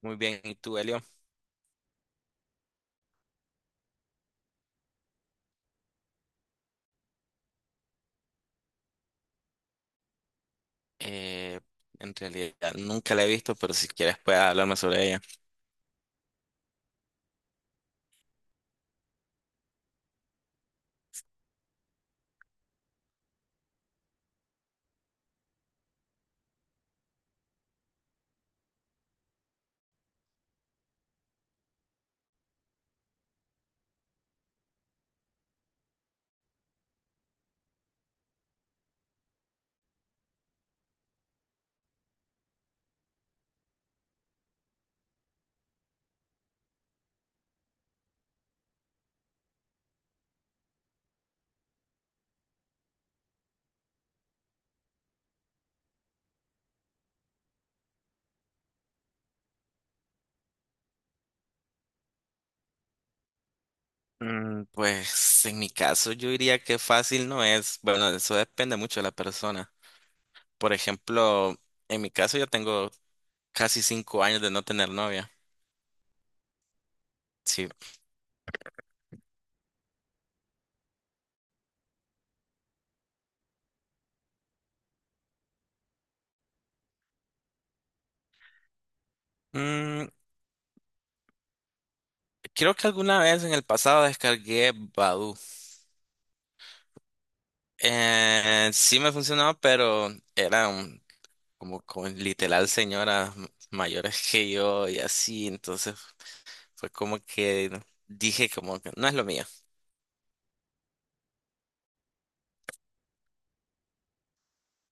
Muy bien, ¿y tú, Elio? Eh, en realidad nunca la he visto, pero si quieres puedes hablarme sobre ella. Mm, pues en mi caso yo diría que fácil no es. Bueno, eso depende mucho de la persona. Por ejemplo, en mi caso yo tengo casi cinco años de no tener novia. Sí. Mm, creo que alguna vez en el pasado descargué Badoo. Sí me funcionó, pero eran como con literal señoras mayores que yo y así, entonces. Fue como que dije como que no es lo mío.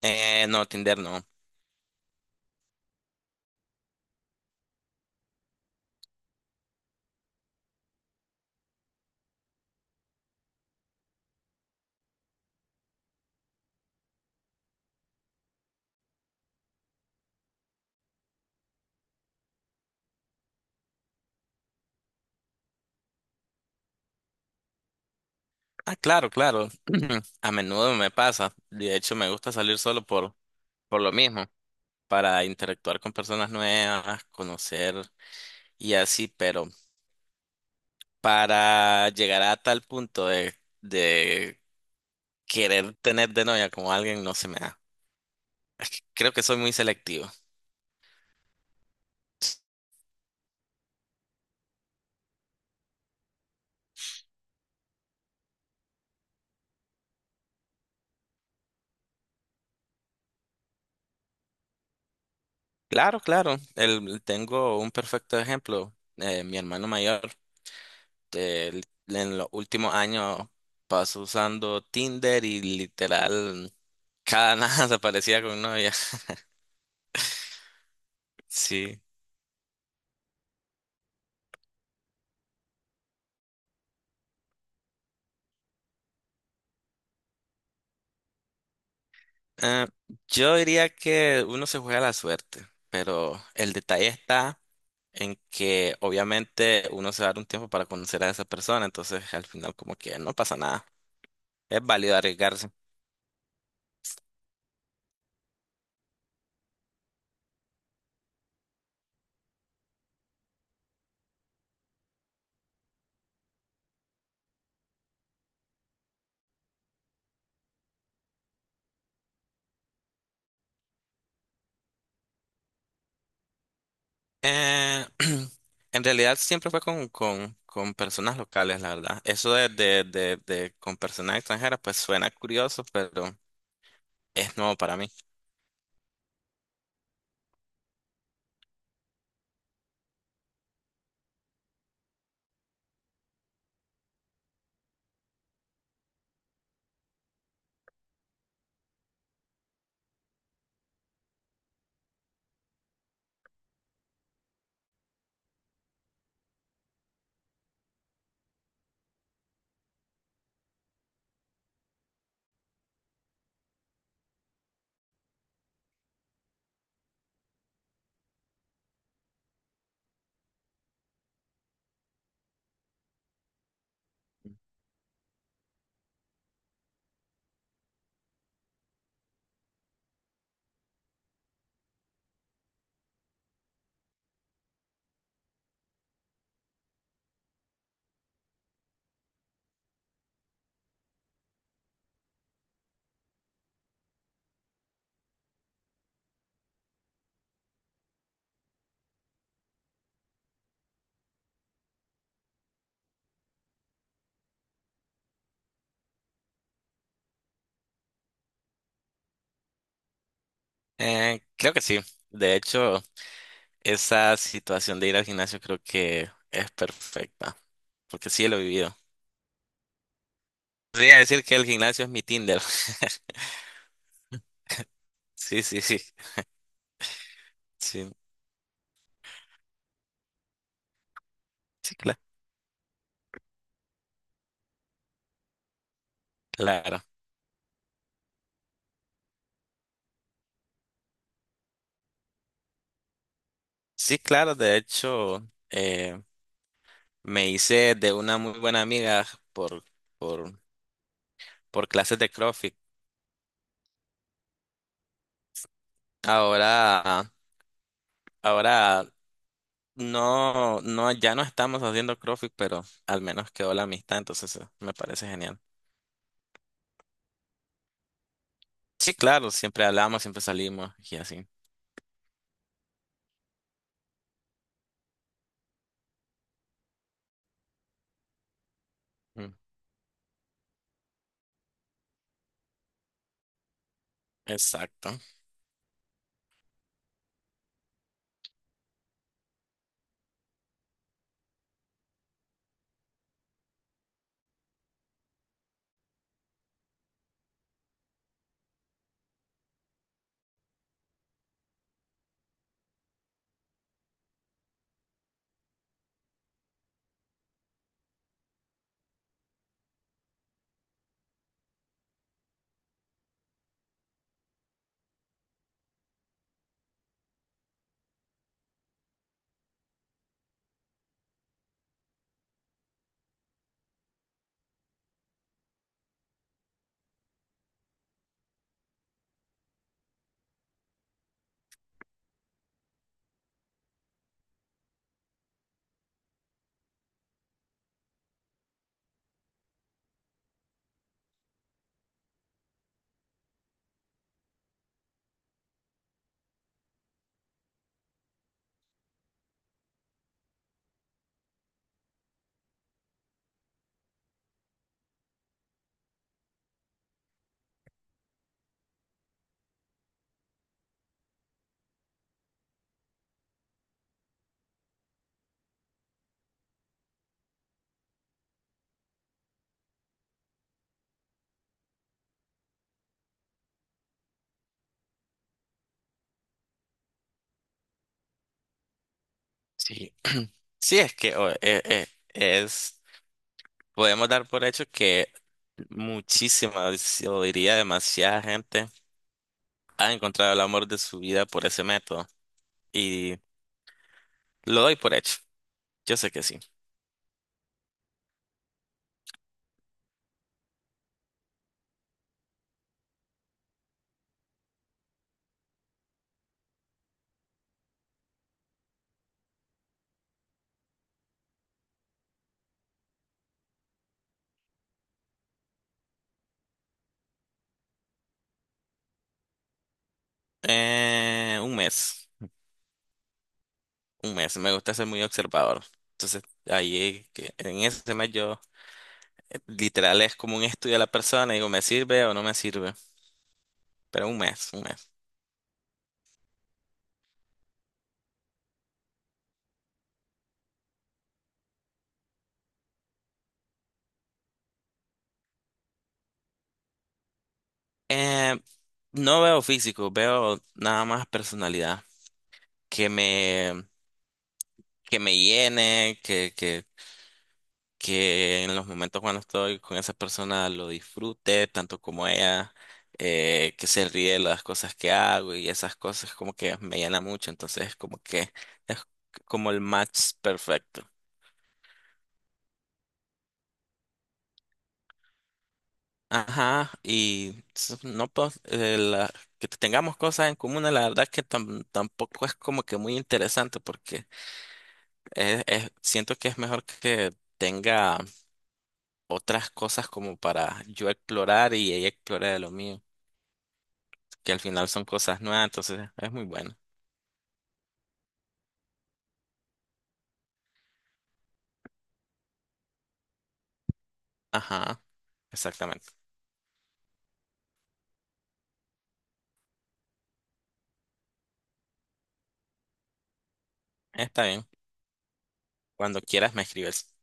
No, Tinder no. Ah, claro, claro. A menudo me pasa. De hecho, me gusta salir solo por lo mismo, para interactuar con personas nuevas, conocer y así, pero para llegar a tal punto de querer tener de novia como alguien no se me da. Es que creo que soy muy selectivo. Claro, claro. Tengo un perfecto ejemplo. Mi hermano mayor. Eh, en los últimos años paso usando Tinder y literal cada nada se parecía con novia. Sí. Eh, yo diría que uno se juega la suerte, pero el detalle está en que obviamente uno se va a dar un tiempo para conocer a esa persona, entonces al final como que no pasa nada. Es válido arriesgarse. Eh, en realidad siempre fue con personas locales, la verdad. Eso de con personas extranjeras, pues suena curioso, pero es nuevo para mí. Creo que sí. De hecho, esa situación de ir al gimnasio creo que es perfecta, porque sí lo he vivido. Podría decir que el gimnasio es mi Tinder. Sí, sí, sí, sí, sí, cla- claro. Sí, claro, de hecho, me hice de una muy buena amiga por, por, por clases de CrossFit. Ahora, Ahora no, ya no estamos haciendo CrossFit, pero al menos quedó la amistad, entonces me parece genial. Sí, claro, siempre hablamos, siempre salimos y así. Mm, exacto. Sí. Sí, es que o- es, Podemos dar por hecho que muchísima, yo diría demasiada gente ha encontrado el amor de su vida por ese método. Y lo doy por hecho. Yo sé que sí. Un mes, un mes. Me gusta ser muy observador. Entonces, ahí que- en ese mes yo literal es como un estudio a la persona y digo, ¿me sirve o no me sirve? Pero un mes, un mes. Eh, no veo físico, veo nada más personalidad. Que me, que me llene, que en los momentos cuando estoy con esa persona lo disfrute tanto como ella, que se ríe de las cosas que hago y esas cosas como que me llena mucho. Entonces como que es como el match perfecto. Ajá, y s- no pues, la- que tengamos cosas en común, la verdad que tam- tampoco es como que muy interesante porque siento que es mejor que tenga otras cosas como para yo explorar y ella explore de lo mío, que al final son cosas nuevas, entonces es muy bueno. Ajá, exactamente. Está bien. Cuando quieras me escribes.